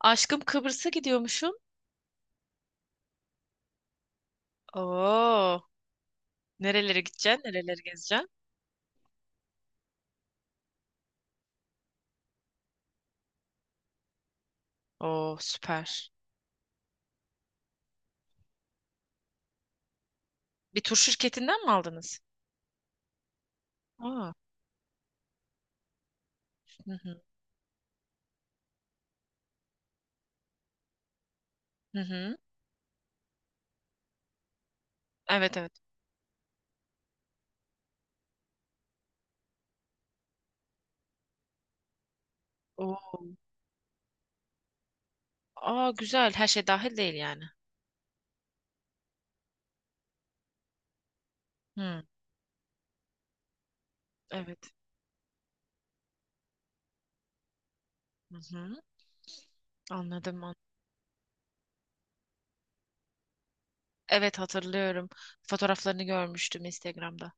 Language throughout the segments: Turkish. Aşkım Kıbrıs'a gidiyormuşum. Oo, nerelere gideceksin? Nereleri gezeceksin? Oo, süper. Bir tur şirketinden mi aldınız? Aa, hı hı, hı hı. Evet evet. Oo. Aa, güzel. Her şey dahil değil yani. Hı, evet. Hı hı. Anladım. Evet hatırlıyorum. Fotoğraflarını görmüştüm Instagram'da.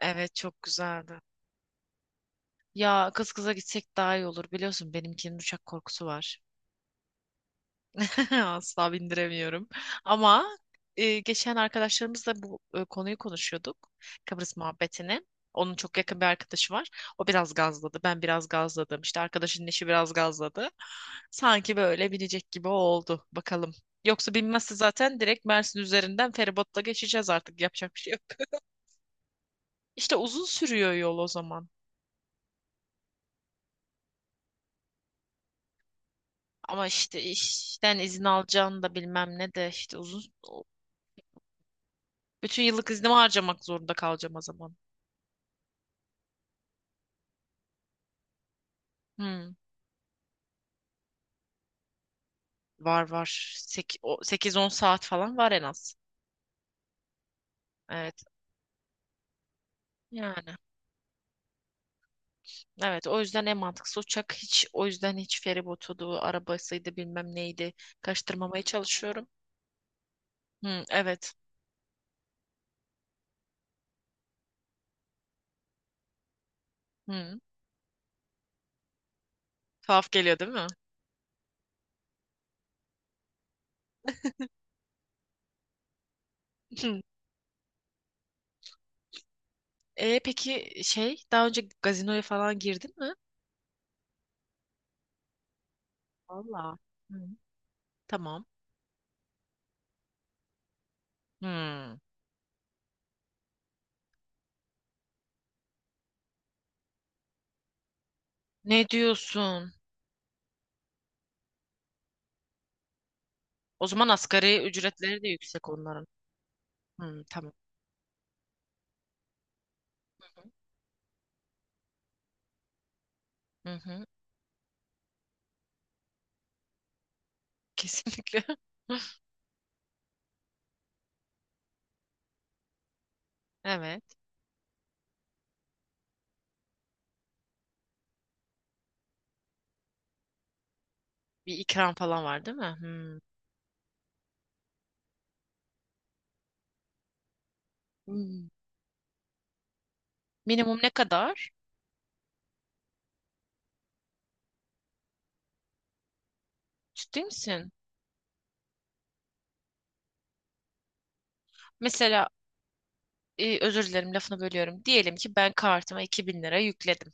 Evet çok güzeldi. Ya kız kıza gitsek daha iyi olur biliyorsun benimkinin uçak korkusu var. Asla bindiremiyorum. Ama geçen arkadaşlarımızla bu konuyu konuşuyorduk. Kıbrıs muhabbetini. Onun çok yakın bir arkadaşı var. O biraz gazladı. Ben biraz gazladım. İşte arkadaşının eşi biraz gazladı. Sanki böyle binecek gibi oldu. Bakalım. Yoksa binmezse zaten direkt Mersin üzerinden feribotla geçeceğiz artık. Yapacak bir şey yok. İşte uzun sürüyor yol o zaman. Ama işte işten izin alacağını da bilmem ne de işte uzun... Bütün yıllık iznimi harcamak zorunda kalacağım o zaman. Hmm. Var var. 8-10 saat falan var en az. Evet. Yani. Evet o yüzden en mantıklısı uçak. Hiç o yüzden hiç feribotudu, arabasıydı bilmem neydi. Kaçtırmamaya çalışıyorum. Hı, evet. Hı. Tuhaf geliyor değil mi? Hı. E, peki şey daha önce gazinoya falan girdin mi? Valla. Hı. Tamam. Hı. Ne diyorsun? O zaman asgari ücretleri de yüksek onların. Hı, tamam. Hı hı. Kesinlikle. Evet. Bir ikram falan var değil mi? Hmm. Hmm. Minimum ne kadar? Ciddi misin? Mesela özür dilerim lafını bölüyorum. Diyelim ki ben kartıma 2.000 lira yükledim.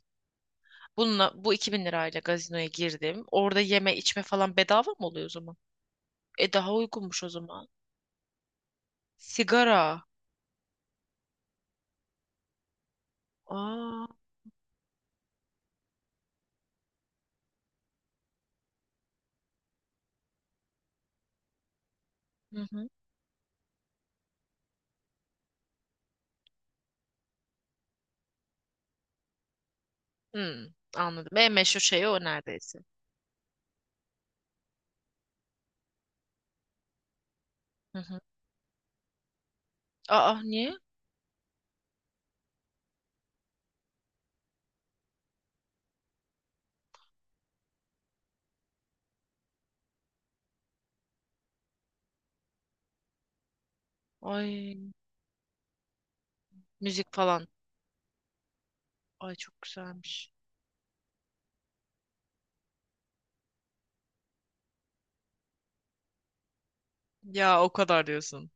Bununla bu 2.000 lirayla gazinoya girdim. Orada yeme içme falan bedava mı oluyor o zaman? E daha uygunmuş o zaman. Sigara. Aa, hı hı. Hmm, anladım. En meşhur şey o neredeyse. Hı hı. Aa niye? Ay müzik falan. Ay çok güzelmiş. Ya o kadar diyorsun.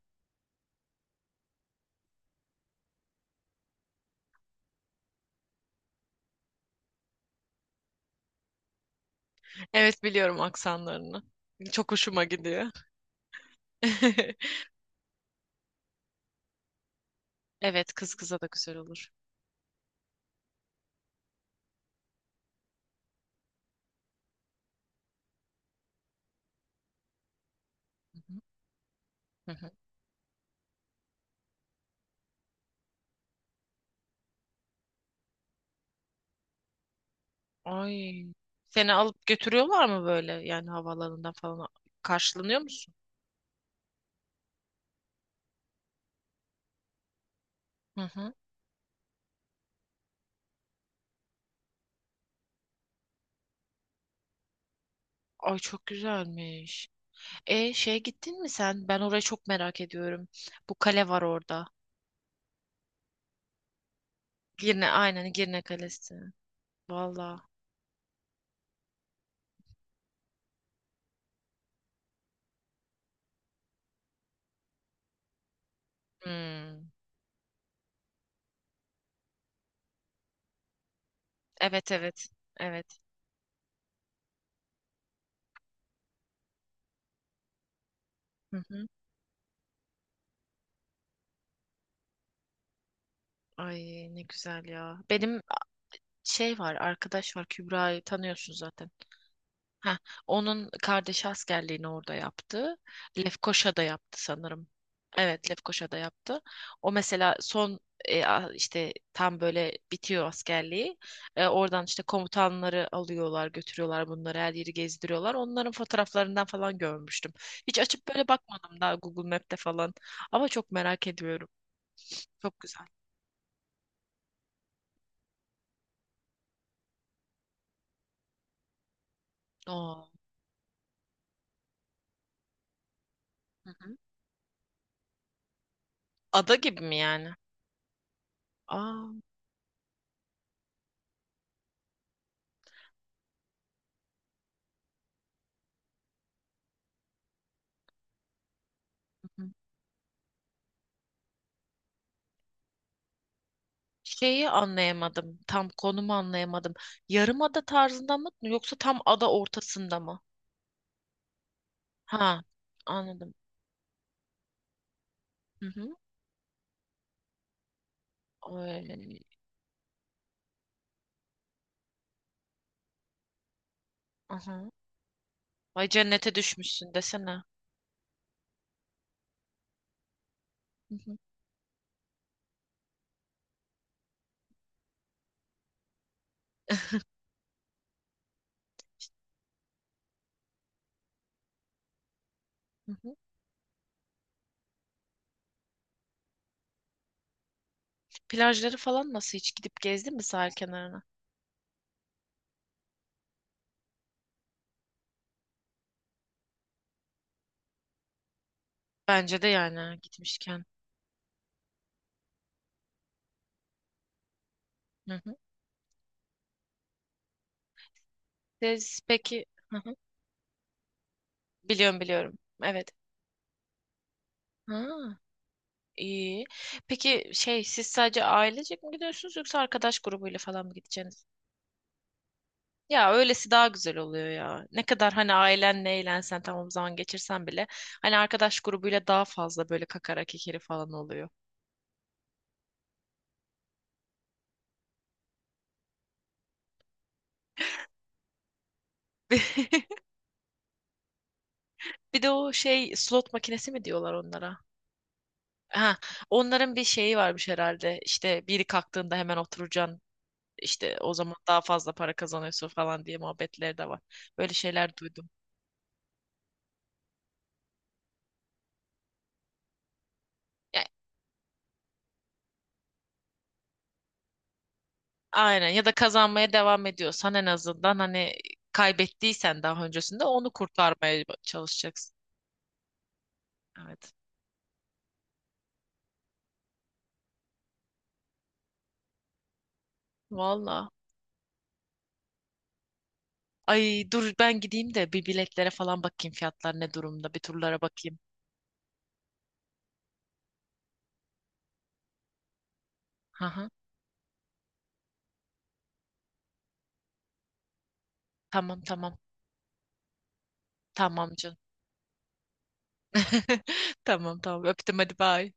Evet biliyorum aksanlarını. Çok hoşuma gidiyor. Evet kız kıza da güzel olur. Hı hı. Hı hı. Ay. Seni alıp götürüyorlar mı böyle? Yani havalarından falan karşılanıyor musun? Hı hı. Ay çok güzelmiş. E şeye gittin mi sen? Ben orayı çok merak ediyorum. Bu kale var orada. Girne aynen Girne Kalesi. Valla. Hmm. Evet evet. Evet. Hı hı. Ay ne güzel ya. Benim şey var, arkadaş var Kübra'yı tanıyorsun zaten. Heh, onun kardeşi askerliğini orada yaptı. Lefkoşa'da yaptı sanırım. Evet, Lefkoşa'da yaptı. O mesela son işte tam böyle bitiyor askerliği. E, oradan işte komutanları alıyorlar, götürüyorlar bunları, her yeri gezdiriyorlar. Onların fotoğraflarından falan görmüştüm. Hiç açıp böyle bakmadım daha Google Map'te falan. Ama çok merak ediyorum. Çok güzel. Oo. Hı hı. Ada gibi mi yani? Aa. Şeyi anlayamadım. Tam konumu anlayamadım. Yarımada tarzında mı yoksa tam ada ortasında mı? Ha, anladım. Hı hı. Ay, aha. Ay cennete düşmüşsün desene. Hı hı, hı hı. Plajları falan nasıl hiç gidip gezdin mi sahil kenarına? Bence de yani gitmişken. Hı hı. Siz peki hı hı. Biliyorum biliyorum. Evet. Ha, iyi. Peki şey siz sadece ailecek mi gidiyorsunuz yoksa arkadaş grubuyla falan mı gideceksiniz? Ya öylesi daha güzel oluyor ya. Ne kadar hani ailenle eğlensen tamam zaman geçirsen bile hani arkadaş grubuyla daha fazla böyle kakara kekeri falan oluyor. Bir de o şey slot makinesi mi diyorlar onlara? Ha, onların bir şeyi varmış herhalde. İşte biri kalktığında hemen oturacaksın. İşte o zaman daha fazla para kazanıyorsun falan diye muhabbetleri de var. Böyle şeyler duydum. Ya, aynen ya da kazanmaya devam ediyorsan en azından hani kaybettiysen daha öncesinde onu kurtarmaya çalışacaksın. Evet. Valla. Ay dur ben gideyim de bir biletlere falan bakayım fiyatlar ne durumda. Bir turlara bakayım. Hı hı. Tamam tamam. Tamam canım. Tamam tamam öptüm hadi bye.